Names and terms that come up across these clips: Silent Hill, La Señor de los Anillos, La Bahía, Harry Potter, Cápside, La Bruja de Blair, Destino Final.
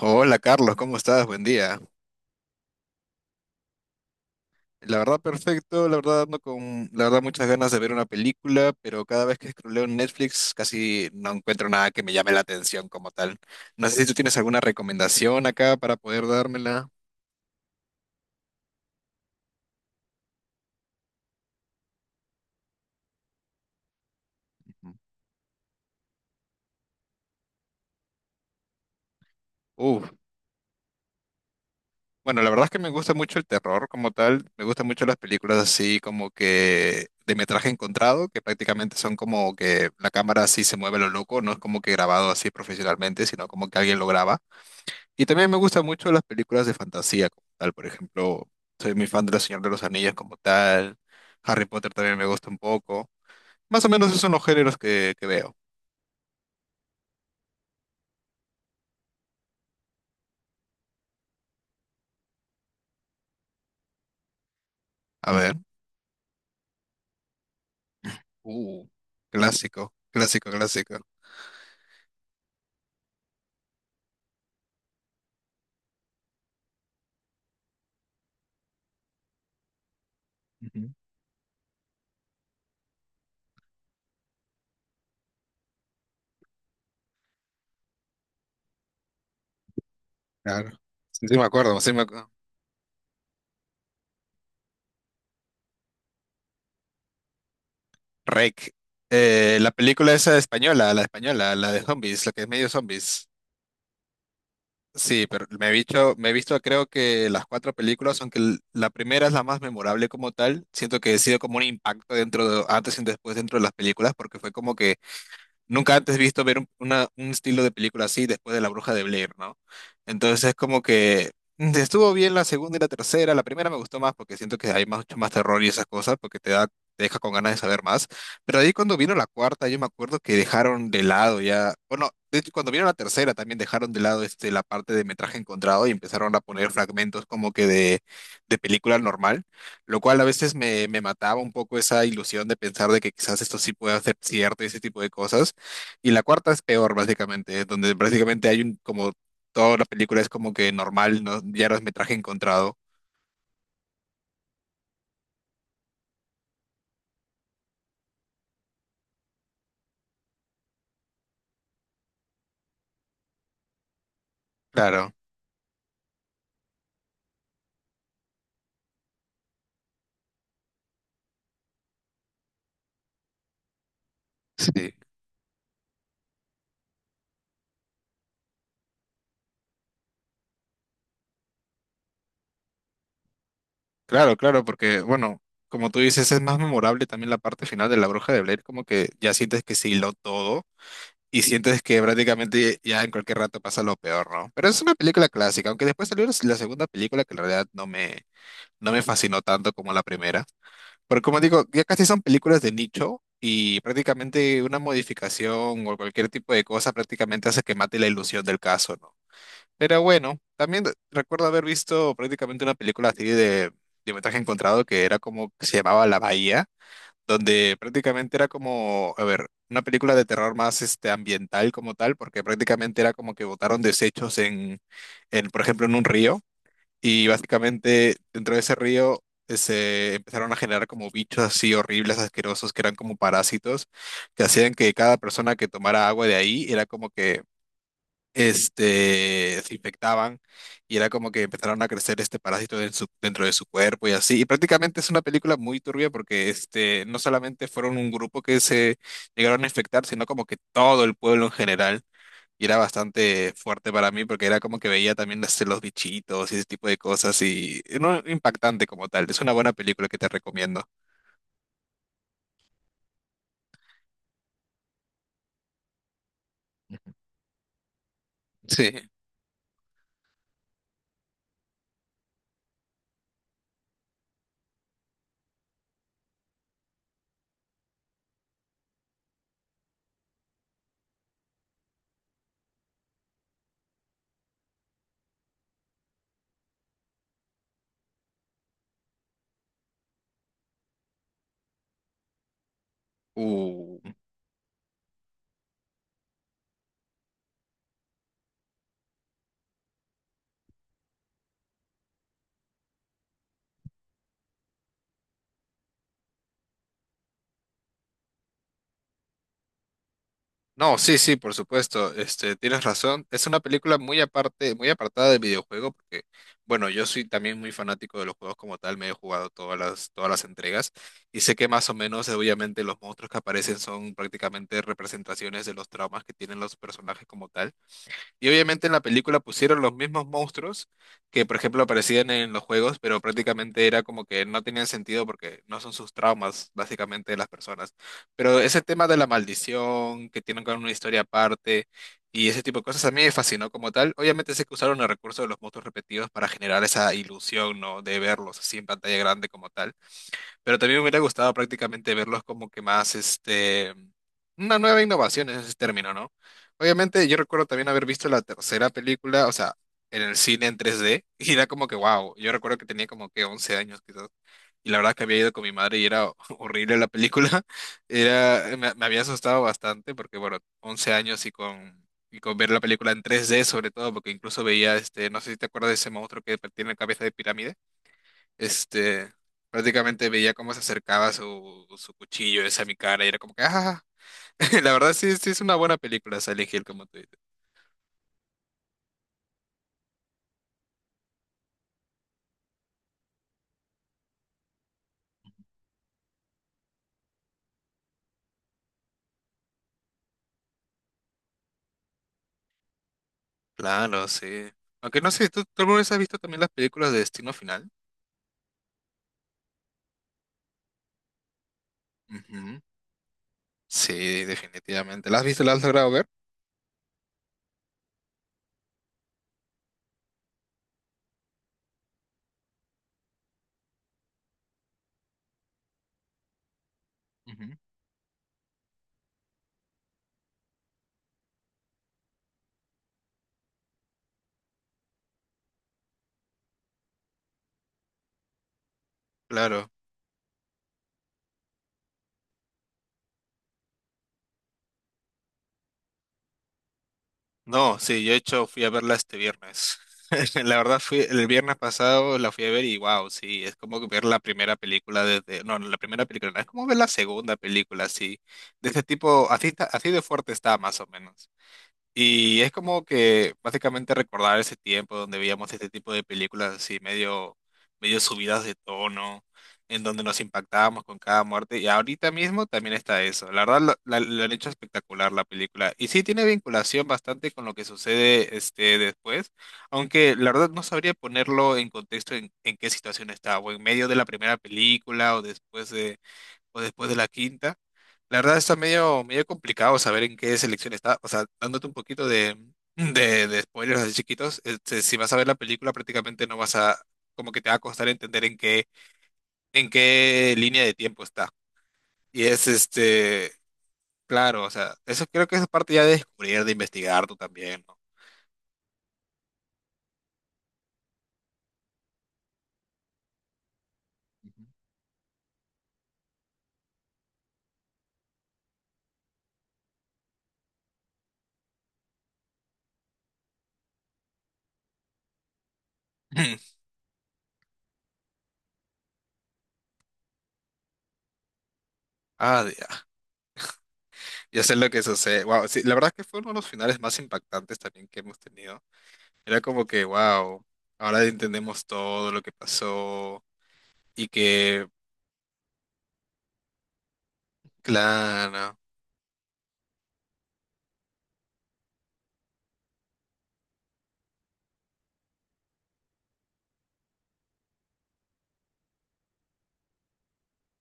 Hola Carlos, ¿cómo estás? Buen día. La verdad perfecto, la verdad ando con, la verdad muchas ganas de ver una película, pero cada vez que scrolleo en Netflix casi no encuentro nada que me llame la atención como tal. No sé si tú tienes alguna recomendación acá para poder dármela. Ujú. Uf, bueno, la verdad es que me gusta mucho el terror como tal, me gustan mucho las películas así como que de metraje encontrado, que prácticamente son como que la cámara así se mueve a lo loco, no es como que grabado así profesionalmente, sino como que alguien lo graba. Y también me gustan mucho las películas de fantasía como tal, por ejemplo, soy muy fan de La Señor de los Anillos como tal, Harry Potter también me gusta un poco. Más o menos esos son los géneros que veo. A ver, uh, clásico, clásico, clásico. Ujú. Claro. Sí, sí me acuerdo, sí me acuerdo. Rec. La película esa española, la de zombies, la que es medio zombies. Sí, pero me he visto creo que las cuatro películas, aunque la primera es la más memorable como tal, siento que he sido como un impacto dentro de, antes y después dentro de las películas, porque fue como que nunca antes visto ver un estilo de película así después de La Bruja de Blair, ¿no? Entonces es como que estuvo bien la segunda y la tercera. La primera me gustó más porque siento que hay mucho más terror y esas cosas porque te da, te deja con ganas de saber más. Pero ahí cuando vino la cuarta, yo me acuerdo que dejaron de lado ya, bueno, de hecho cuando vino la tercera también dejaron de lado este, la parte de metraje encontrado y empezaron a poner fragmentos como que de película normal, lo cual a veces me mataba un poco esa ilusión de pensar de que quizás esto sí pueda ser cierto y ese tipo de cosas. Y la cuarta es peor, básicamente, donde prácticamente hay como toda la película es como que normal, ¿no? Ya metraje encontrado. Claro, sí. Claro, claro, porque, bueno, como tú dices, es más memorable también la parte final de La Bruja de Blair, como que ya sientes que se hiló todo y sientes que prácticamente ya en cualquier rato pasa lo peor, ¿no? Pero es una película clásica, aunque después salió la la segunda película que en realidad no me fascinó tanto como la primera. Pero como digo, ya casi son películas de nicho y prácticamente una modificación o cualquier tipo de cosa prácticamente hace que mate la ilusión del caso, ¿no? Pero bueno, también recuerdo haber visto prácticamente una película así de metraje encontrado que se llamaba La Bahía, donde prácticamente era como, a ver, una película de terror más este, ambiental como tal, porque prácticamente era como que botaron desechos por ejemplo, en un río. Y básicamente dentro de ese río se empezaron a generar como bichos así horribles, asquerosos, que eran como parásitos, que hacían que cada persona que tomara agua de ahí era como que este, se infectaban y era como que empezaron a crecer este parásito en dentro de su cuerpo y así. Y prácticamente es una película muy turbia porque este, no solamente fueron un grupo que se llegaron a infectar, sino como que todo el pueblo en general. Y era bastante fuerte para mí porque era como que veía también los bichitos y ese tipo de cosas y no impactante como tal. Es una buena película que te recomiendo. Sí. Uh, no, sí, sí, por supuesto. Este, tienes razón. Es una película muy aparte, muy apartada del videojuego porque, bueno, yo soy también muy fanático de los juegos como tal. Me he jugado todas las entregas y sé que más o menos, obviamente, los monstruos que aparecen son prácticamente representaciones de los traumas que tienen los personajes como tal. Y obviamente en la película pusieron los mismos monstruos que, por ejemplo, aparecían en los juegos, pero prácticamente era como que no tenían sentido porque no son sus traumas, básicamente, de las personas. Pero ese tema de la maldición, que tienen con una historia aparte y ese tipo de cosas, a mí me fascinó como tal. Obviamente sé que usaron el recurso de los monstruos repetidos para generar esa ilusión, ¿no? De verlos así en pantalla grande como tal. Pero también me hubiera gustado prácticamente verlos como que más, este, una nueva innovación en ese término, ¿no? Obviamente yo recuerdo también haber visto la tercera película, o sea, en el cine en 3D y era como que, wow, yo recuerdo que tenía como que 11 años quizás, y la verdad que había ido con mi madre y era horrible la película, era, me había asustado bastante porque, bueno, 11 años y con. Y con ver la película en 3D sobre todo, porque incluso veía, este, no sé si te acuerdas de ese monstruo que tiene la cabeza de pirámide. Este, prácticamente veía cómo se acercaba su cuchillo ese a mi cara y era como que, ah, la verdad sí, sí es una buena película, Silent Hill, como tú dices. Claro, sí. Aunque no sé, ¿tú alguna vez has visto también las películas de Destino Final? Ujú. Sí, definitivamente. ¿Las has visto? ¿Las has logrado ver? Ujú. Claro. No, sí, yo de hecho fui a verla este viernes. La verdad fui el viernes pasado la fui a ver y wow, sí, es como que ver la primera película desde, no, no, la primera película, no, es como ver la segunda película, sí. De ese tipo, así está- así de fuerte está más o menos. Y es como que básicamente recordar ese tiempo donde veíamos este tipo de películas así medio, medio subidas de tono, en donde nos impactábamos con cada muerte. Y ahorita mismo también está eso. La verdad lo han hecho espectacular la película. Y sí tiene vinculación bastante con lo que sucede este después, aunque la verdad no sabría ponerlo en contexto en qué situación estaba, o en medio de la primera película, o después de la quinta. La verdad está medio, medio complicado saber en qué selección está. O sea, dándote un poquito de spoilers así chiquitos, este, si vas a ver la película prácticamente no vas a, como que te va a costar entender en qué línea de tiempo está. Y es este, claro, o sea, eso creo que es parte ya de descubrir, de investigar tú también, ¿no? Ah, ya. Ya sé lo que sucede. Wow, sí, la verdad que fue uno de los finales más impactantes también que hemos tenido. Era como que, wow, ahora entendemos todo lo que pasó y que, claro,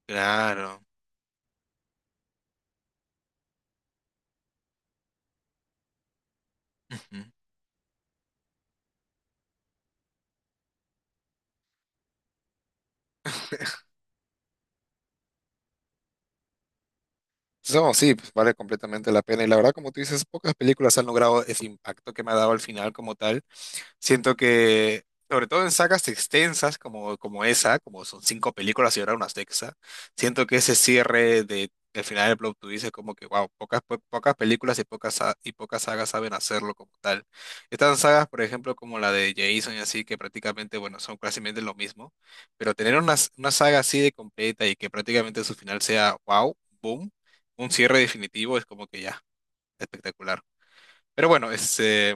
claro. Ujú. So, sí, pues vale completamente la pena. Y la verdad, como tú dices, pocas películas han logrado ese impacto que me ha dado al final como tal. Siento que, sobre todo en sagas extensas como esa, como son cinco películas y ahora una sexta, siento que ese cierre de, del final del plot twist es como que, wow, pocas, pocas películas y y pocas sagas saben hacerlo como tal. Estas sagas, por ejemplo, como la de Jason y así, que prácticamente, bueno, son prácticamente lo mismo, pero tener una saga así de completa y que prácticamente su final sea, wow, boom, un cierre definitivo es como que ya, espectacular. Pero bueno, este,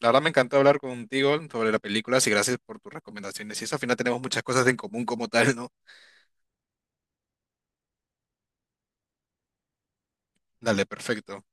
la verdad me encantó hablar contigo sobre la película y gracias por tus recomendaciones. Y eso al final tenemos muchas cosas en común como tal, ¿no? Dale, perfecto.